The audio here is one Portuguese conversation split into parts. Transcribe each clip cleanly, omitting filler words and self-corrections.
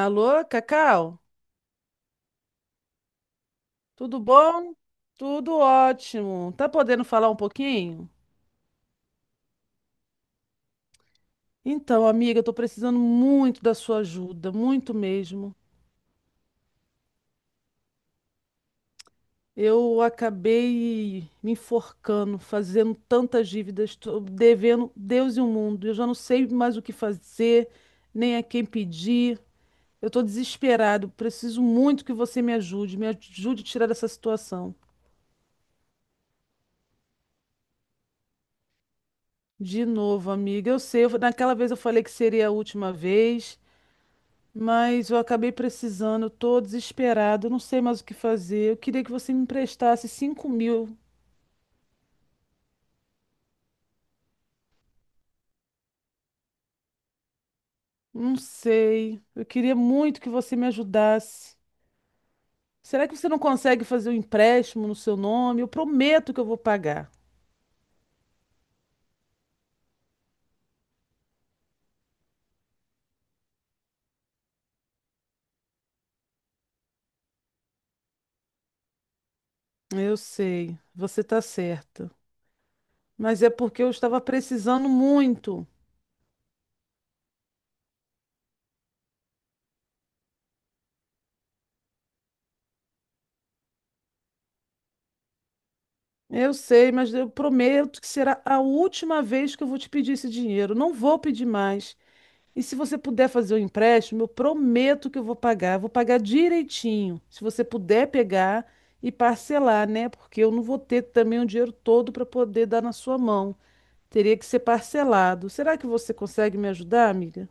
Alô, Cacau? Tudo bom? Tudo ótimo. Tá podendo falar um pouquinho? Então, amiga, eu tô precisando muito da sua ajuda, muito mesmo. Eu acabei me enforcando, fazendo tantas dívidas, tô devendo Deus e o mundo. Eu já não sei mais o que fazer, nem a quem pedir. Eu tô desesperado, preciso muito que você me ajude a tirar dessa situação. De novo, amiga. Eu sei, naquela vez eu falei que seria a última vez. Mas eu acabei precisando, eu tô desesperado, não sei mais o que fazer. Eu queria que você me emprestasse 5.000. Não sei. Eu queria muito que você me ajudasse. Será que você não consegue fazer um empréstimo no seu nome? Eu prometo que eu vou pagar. Eu sei, você está certa. Mas é porque eu estava precisando muito. Eu sei, mas eu prometo que será a última vez que eu vou te pedir esse dinheiro. Não vou pedir mais. E se você puder fazer o empréstimo, eu prometo que eu vou pagar direitinho. Se você puder pegar e parcelar, né? Porque eu não vou ter também o dinheiro todo para poder dar na sua mão. Teria que ser parcelado. Será que você consegue me ajudar, amiga?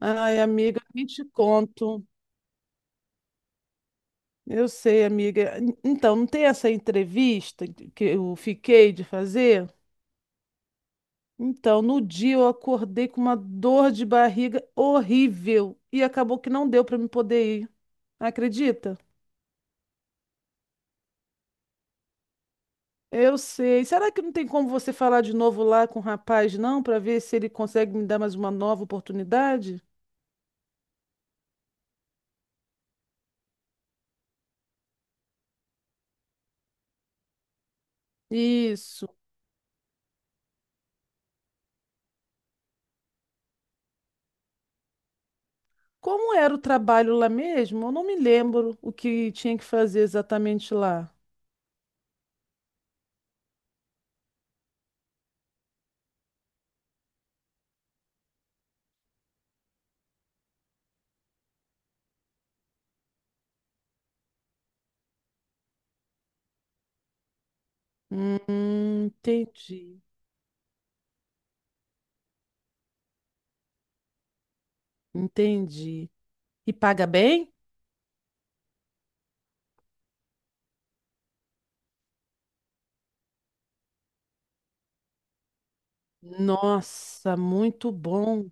Ai, amiga, nem te conto. Eu sei, amiga. Então, não tem essa entrevista que eu fiquei de fazer? Então, no dia eu acordei com uma dor de barriga horrível e acabou que não deu para me poder ir. Acredita? Eu sei. Será que não tem como você falar de novo lá com o rapaz, não, para ver se ele consegue me dar mais uma nova oportunidade? Isso. Como era o trabalho lá mesmo? Eu não me lembro o que tinha que fazer exatamente lá. Entendi. Entendi. E paga bem? Nossa, muito bom.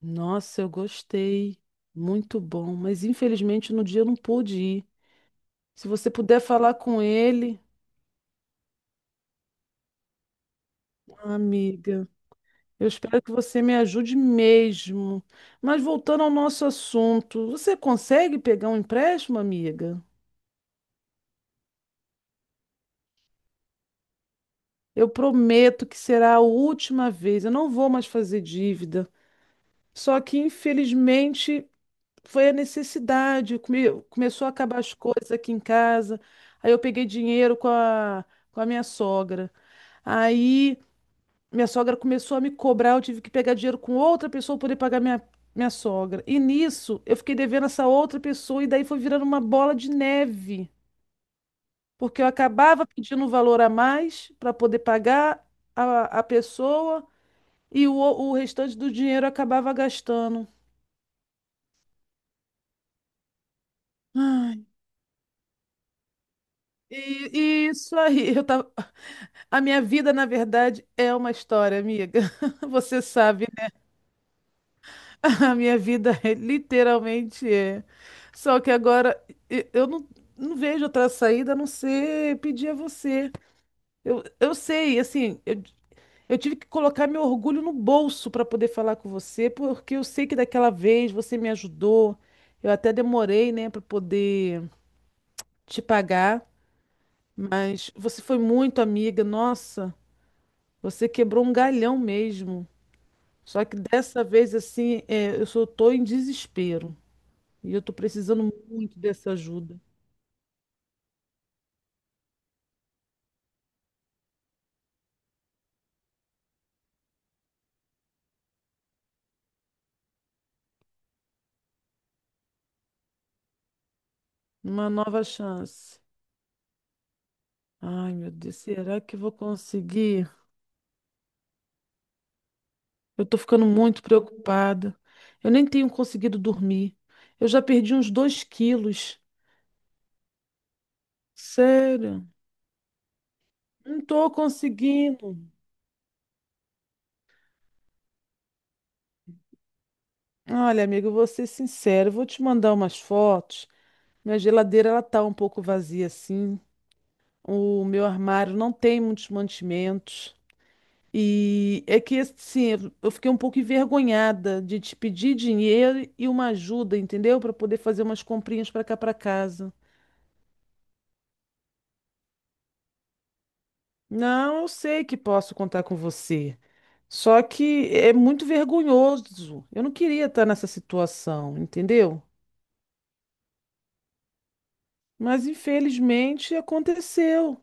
Nossa, eu gostei. Muito bom. Mas infelizmente no dia eu não pude ir. Se você puder falar com ele, amiga. Eu espero que você me ajude mesmo. Mas voltando ao nosso assunto, você consegue pegar um empréstimo, amiga? Eu prometo que será a última vez. Eu não vou mais fazer dívida. Só que, infelizmente, foi a necessidade. Começou a acabar as coisas aqui em casa. Aí eu peguei dinheiro com a minha sogra. Aí. Minha sogra começou a me cobrar, eu tive que pegar dinheiro com outra pessoa para poder pagar minha sogra. E nisso, eu fiquei devendo essa outra pessoa e daí foi virando uma bola de neve, porque eu acabava pedindo um valor a mais para poder pagar a pessoa e o restante do dinheiro eu acabava gastando. Ai, e, e isso aí, eu tava... A minha vida, na verdade, é uma história, amiga. Você sabe. A minha vida literalmente é. Só que agora eu não, não vejo outra saída a não ser pedir a você. Eu sei, assim, eu tive que colocar meu orgulho no bolso para poder falar com você, porque eu sei que daquela vez você me ajudou. Eu até demorei, né, para poder te pagar, mas você foi muito amiga, nossa, você quebrou um galhão mesmo. Só que dessa vez, assim, é, eu só tô em desespero. E eu tô precisando muito dessa ajuda. Uma nova chance. Ai, meu Deus, será que eu vou conseguir? Eu tô ficando muito preocupada. Eu nem tenho conseguido dormir. Eu já perdi uns 2 quilos. Sério, não tô conseguindo. Olha, amigo, eu vou ser sincero, eu vou te mandar umas fotos. Minha geladeira ela tá um pouco vazia assim. O meu armário não tem muitos mantimentos. E é que assim, eu fiquei um pouco envergonhada de te pedir dinheiro e uma ajuda, entendeu? Para poder fazer umas comprinhas para cá para casa. Não, eu sei que posso contar com você. Só que é muito vergonhoso. Eu não queria estar nessa situação, entendeu? Mas infelizmente aconteceu.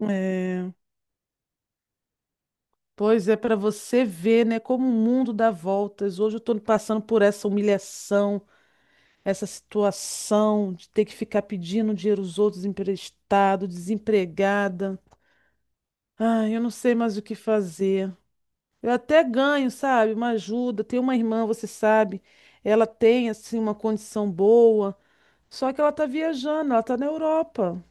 É, pois é, para você ver, né, como o mundo dá voltas. Hoje eu estou passando por essa humilhação. Essa situação de ter que ficar pedindo dinheiro aos outros emprestado, desempregada. Ai, eu não sei mais o que fazer. Eu até ganho, sabe? Uma ajuda. Tem uma irmã, você sabe, ela tem assim uma condição boa, só que ela tá viajando, ela tá na Europa.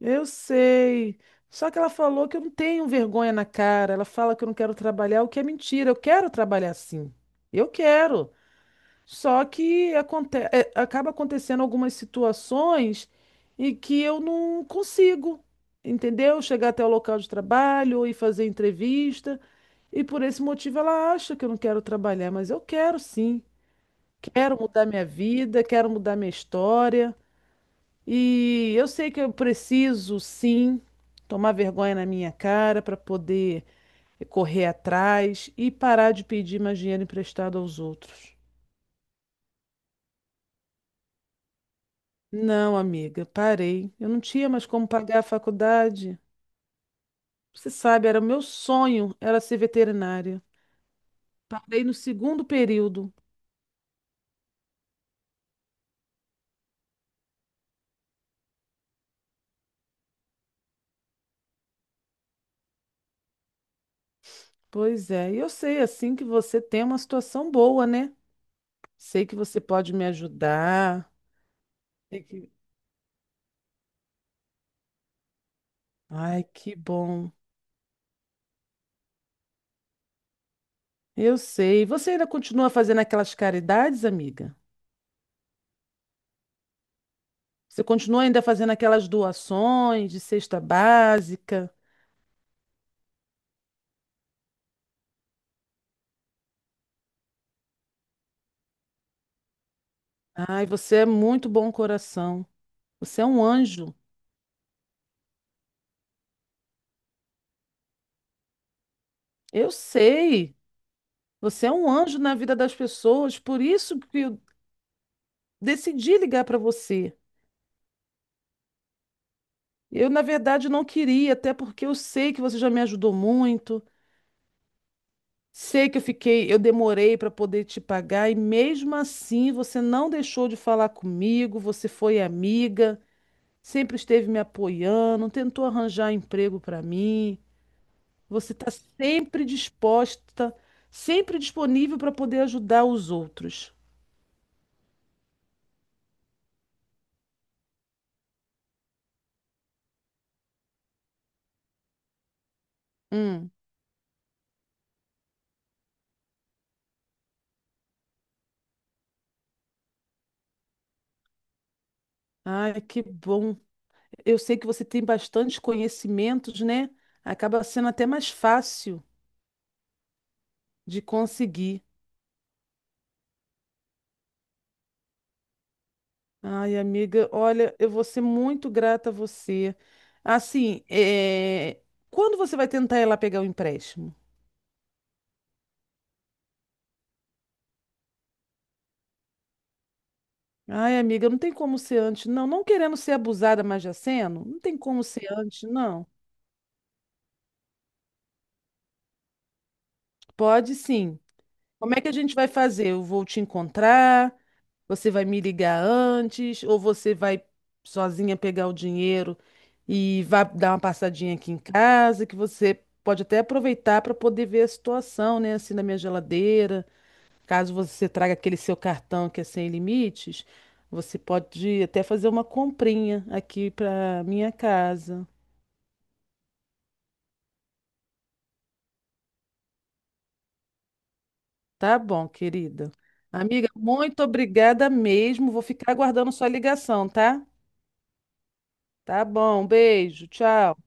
Eu sei. Só que ela falou que eu não tenho vergonha na cara. Ela fala que eu não quero trabalhar, o que é mentira. Eu quero trabalhar sim. Eu quero. Só que acaba acontecendo algumas situações em que eu não consigo, entendeu? Chegar até o local de trabalho e fazer entrevista. E por esse motivo ela acha que eu não quero trabalhar, mas eu quero sim. Quero mudar minha vida, quero mudar minha história. E eu sei que eu preciso sim tomar vergonha na minha cara para poder correr atrás e parar de pedir mais dinheiro emprestado aos outros. Não, amiga, parei. Eu não tinha mais como pagar a faculdade. Você sabe, era o meu sonho, era ser veterinária. Parei no segundo período. Pois é, e eu sei assim que você tem uma situação boa, né? Sei que você pode me ajudar. Sei que- Ai, que bom. Eu sei. Você ainda continua fazendo aquelas caridades, amiga? Você continua ainda fazendo aquelas doações de cesta básica? Ai, você é muito bom coração. Você é um anjo. Eu sei. Você é um anjo na vida das pessoas, por isso que eu decidi ligar para você. Eu, na verdade, não queria, até porque eu sei que você já me ajudou muito, sei que eu fiquei, eu demorei para poder te pagar e mesmo assim você não deixou de falar comigo, você foi amiga, sempre esteve me apoiando, tentou arranjar emprego para mim. Você está sempre disposta, sempre disponível para poder ajudar os outros. Hum. Ai, que bom. Eu sei que você tem bastantes conhecimentos, né? Acaba sendo até mais fácil de conseguir. Ai, amiga, olha, eu vou ser muito grata a você. Assim, é, quando você vai tentar ir lá pegar o empréstimo? Ai, amiga, não tem como ser antes, não. Não querendo ser abusada, mas já sendo, não tem como ser antes, não. Pode sim. Como é que a gente vai fazer? Eu vou te encontrar? Você vai me ligar antes ou você vai sozinha pegar o dinheiro e vai dar uma passadinha aqui em casa, que você pode até aproveitar para poder ver a situação, né, assim na minha geladeira. Caso você traga aquele seu cartão que é sem limites, você pode até fazer uma comprinha aqui para minha casa. Tá bom, querida. Amiga, muito obrigada mesmo. Vou ficar aguardando sua ligação, tá? Tá bom, beijo, tchau.